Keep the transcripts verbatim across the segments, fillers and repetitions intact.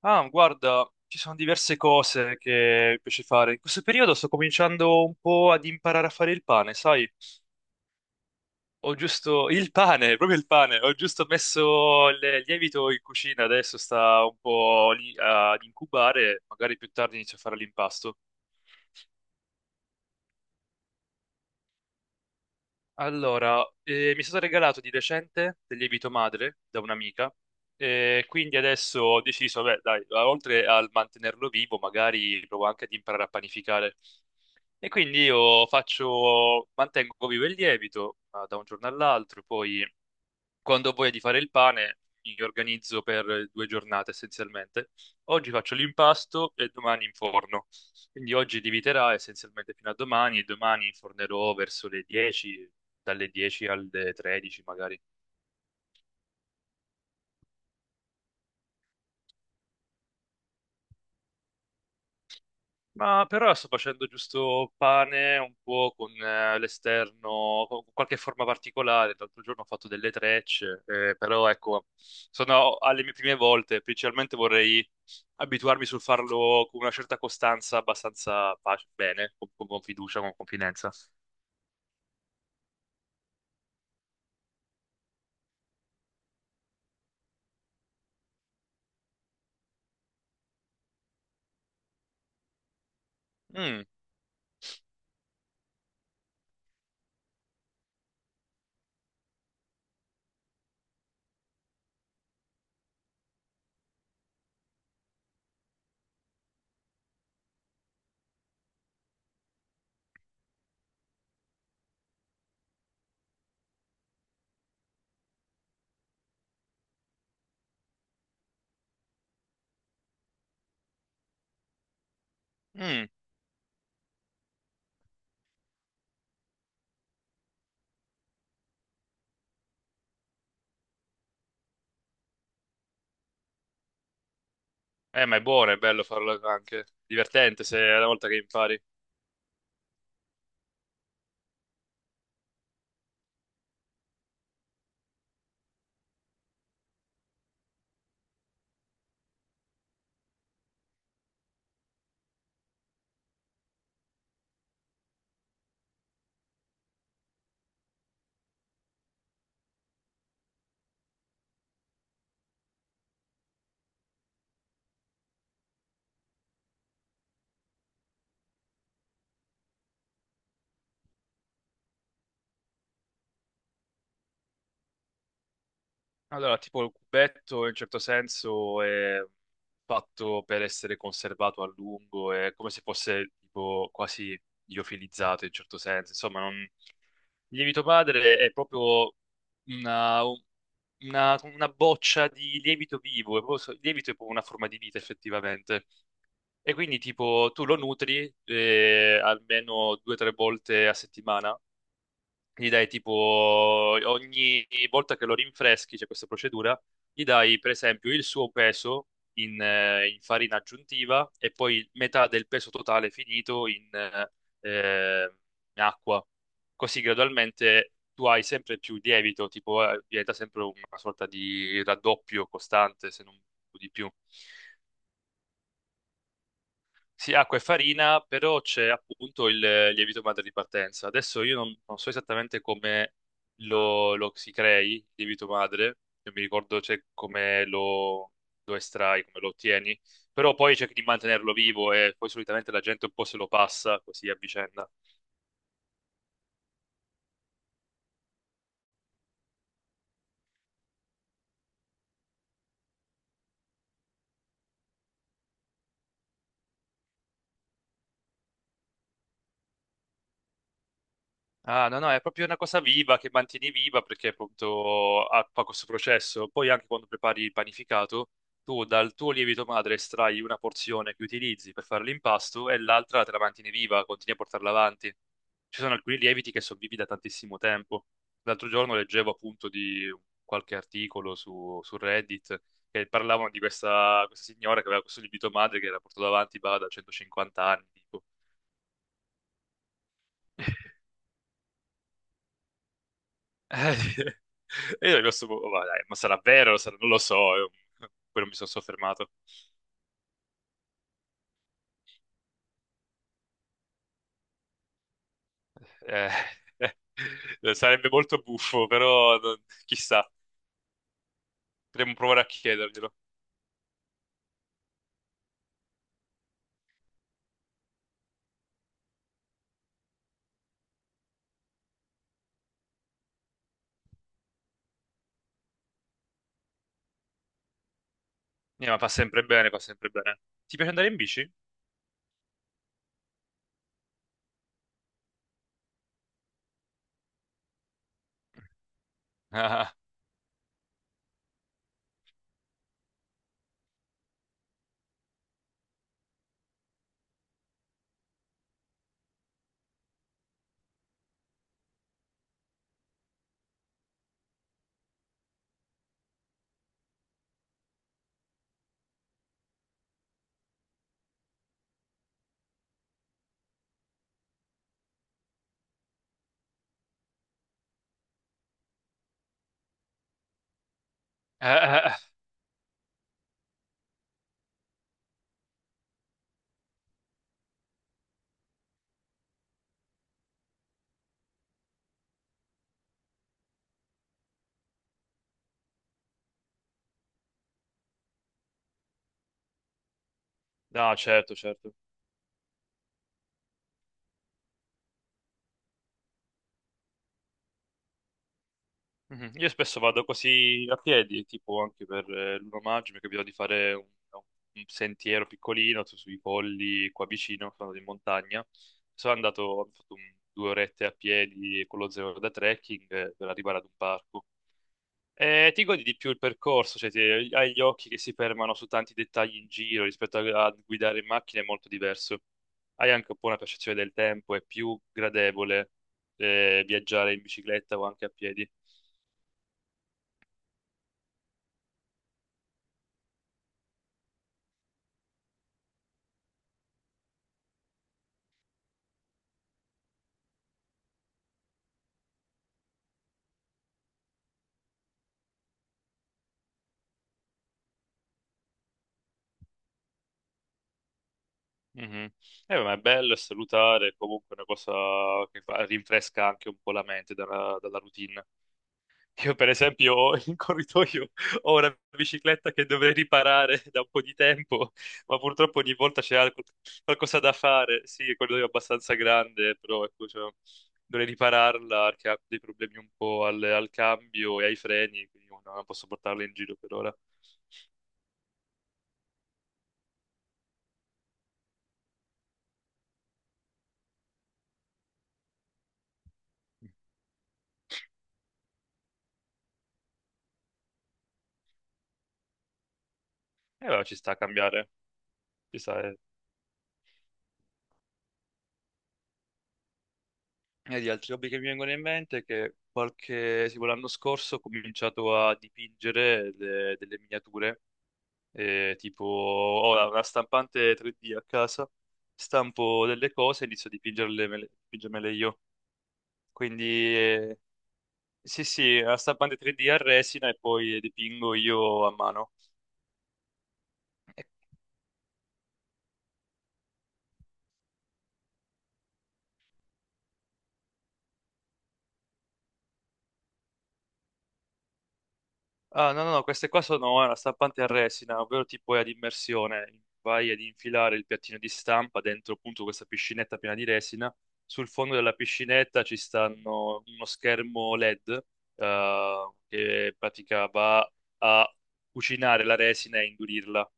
Ah, guarda, ci sono diverse cose che mi piace fare. In questo periodo sto cominciando un po' ad imparare a fare il pane, sai? Ho giusto il pane, proprio il pane. Ho giusto messo il lievito in cucina, adesso sta un po' lì ad incubare, magari più tardi inizio a fare l'impasto. Allora, eh, mi è stato regalato di recente del lievito madre da un'amica. E quindi adesso ho deciso, beh, dai, oltre al mantenerlo vivo, magari provo anche ad imparare a panificare. E quindi io faccio, mantengo vivo il lievito ah, da un giorno all'altro, poi quando ho voglia di fare il pane mi organizzo per due giornate essenzialmente. Oggi faccio l'impasto e domani in forno. Quindi oggi lieviterà essenzialmente fino a domani e domani infornerò verso le dieci, dalle dieci alle tredici magari. Ma per ora sto facendo giusto pane un po' con eh, l'esterno, con qualche forma particolare. L'altro giorno ho fatto delle trecce, eh, però ecco, sono alle mie prime volte. Principalmente vorrei abituarmi sul farlo con una certa costanza, abbastanza pace- bene, con, con fiducia, con confidenza. Mm, mm. Eh, ma è buono, è bello farlo anche. Divertente se è la volta che impari. Allora, tipo il cubetto in un certo senso è fatto per essere conservato a lungo, è come se fosse tipo quasi liofilizzato in un certo senso. Insomma, non... il lievito padre è proprio una, una- una boccia di lievito vivo, è proprio so- il lievito è proprio una forma di vita effettivamente. E quindi tipo tu lo nutri eh, almeno due o tre volte a settimana gli dai tipo ogni volta che lo rinfreschi, c'è questa procedura, gli dai per esempio il suo peso in, eh, in farina aggiuntiva e poi metà del peso totale finito in, eh, eh, in acqua. Così gradualmente tu hai sempre più lievito, tipo eh, diventa sempre una sorta di raddoppio costante, se non di più. Sì, acqua e farina, però c'è appunto il lievito madre di partenza. Adesso io non, non so esattamente come lo, lo si crei, il lievito madre, non mi ricordo cioè, come lo, lo estrai, come lo ottieni, però poi cerchi di mantenerlo vivo e poi solitamente la gente un po' se lo passa così a vicenda. Ah, no, no, è proprio una cosa viva che mantieni viva perché appunto ha fa questo processo. Poi anche quando prepari il panificato, tu dal tuo lievito madre estrai una porzione che utilizzi per fare l'impasto e l'altra te la mantieni viva, continui a portarla avanti. Ci sono alcuni lieviti che sono vivi da tantissimo tempo. L'altro giorno leggevo appunto di qualche articolo su, su Reddit che parlavano di questa, questa signora che aveva questo lievito madre che era portato avanti bah, da centocinquanta anni, tipo. Eh, E io ero rimasto un po', "Oh, ma dai, ma sarà vero? Sarà- Non lo so, io- poi non mi sono soffermato. Eh, eh, sarebbe molto buffo, però non- chissà, potremmo provare a chiederglielo. Eh, ma fa sempre bene, fa sempre bene. Ti piace andare in bici? Ah, eh, eh, eh. No, certo, certo. Mhm. Io spesso vado così a piedi, tipo anche per eh, l'primo maggio mi è capitato di fare un, un sentiero piccolino su- sui colli qua vicino, sono andato in montagna. Sono andato, ho fatto un- due orette a piedi con lo zaino da trekking eh, per arrivare ad un parco. E ti godi di più il percorso, cioè ti- hai gli occhi che si fermano su tanti dettagli in giro rispetto a, a guidare in macchina, è molto diverso. Hai anche un po' una percezione del tempo, è più gradevole eh, viaggiare in bicicletta o anche a piedi. Mhm. Eh, ma è bello, è salutare, è comunque una cosa che fa- rinfresca anche un po' la mente dalla, dalla routine. Io, per esempio, ho in corridoio ho una bicicletta che dovrei riparare da un po' di tempo, ma purtroppo ogni volta c'è alco- qualcosa da fare. Sì, il corridoio è abbastanza grande, però ecco, cioè, dovrei ripararla perché ha dei problemi un po' al, al cambio e ai freni, quindi non non posso portarla in giro per ora. E eh, vabbè, ci sta a cambiare, ci sta, eh. E di altri hobby che mi vengono in mente è che qualche, tipo l'anno scorso ho cominciato a dipingere de- delle miniature, eh, tipo ho la- una stampante tre D a casa, stampo delle cose e inizio a dipingerle, mele- dipingermele io. Quindi eh, sì sì, una stampante tre D a resina e poi dipingo io a mano. Ah, no, no, no, queste qua sono una stampante a resina, ovvero tipo è ad immersione. Vai ad infilare il piattino di stampa dentro appunto questa piscinetta piena di resina. Sul fondo della piscinetta ci stanno uno schermo L E D, eh, che in pratica va a cucinare la resina e indurirla.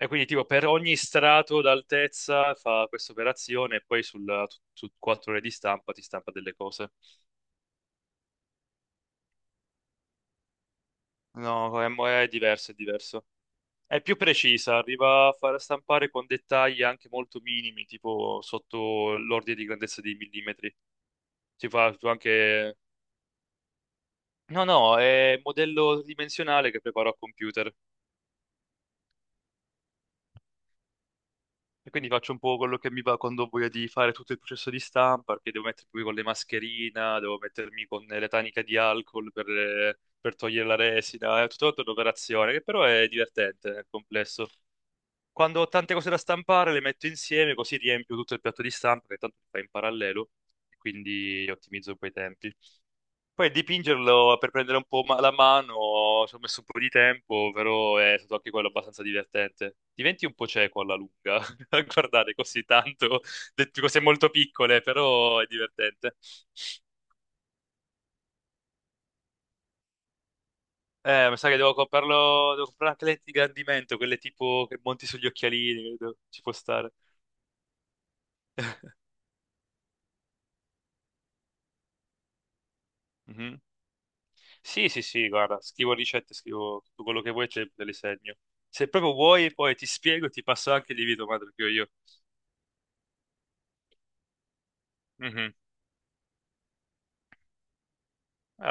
E quindi tipo per ogni strato d'altezza fa questa operazione e poi sul- su quattro ore di stampa ti stampa delle cose. No, è, mo- è diverso, è diverso. È più precisa, arriva a far stampare con dettagli anche molto minimi, tipo sotto l'ordine di grandezza di millimetri. Si fa anche... No, no, è modello dimensionale che preparo a computer. E quindi faccio un po' quello che mi va quando ho voglia di fare tutto il processo di stampa, perché devo mettermi poi con le mascherine, devo mettermi con le taniche di alcol per, per togliere la resina, è tutta un'operazione che però è divertente nel complesso. Quando ho tante cose da stampare, le metto insieme, così riempio tutto il piatto di stampa, che tanto si fa in parallelo, e quindi ottimizzo un po' i tempi. Poi dipingerlo per prendere un po' ma- la mano, ci ho messo un po' di tempo, però è stato anche quello abbastanza divertente. Diventi un po' cieco alla lunga, a guardare così tanto, de- cose molto piccole, però è divertente. Eh, mi sa che devo comprarlo, devo comprare anche lenti di ingrandimento, quelle tipo che monti sugli occhialini, credo, ci può stare. Mhm. Sì, sì, sì, guarda, scrivo ricette, scrivo tutto quello che vuoi, te, te le segno. Se proprio vuoi, poi ti spiego e ti passo anche il lievito madre che ho io.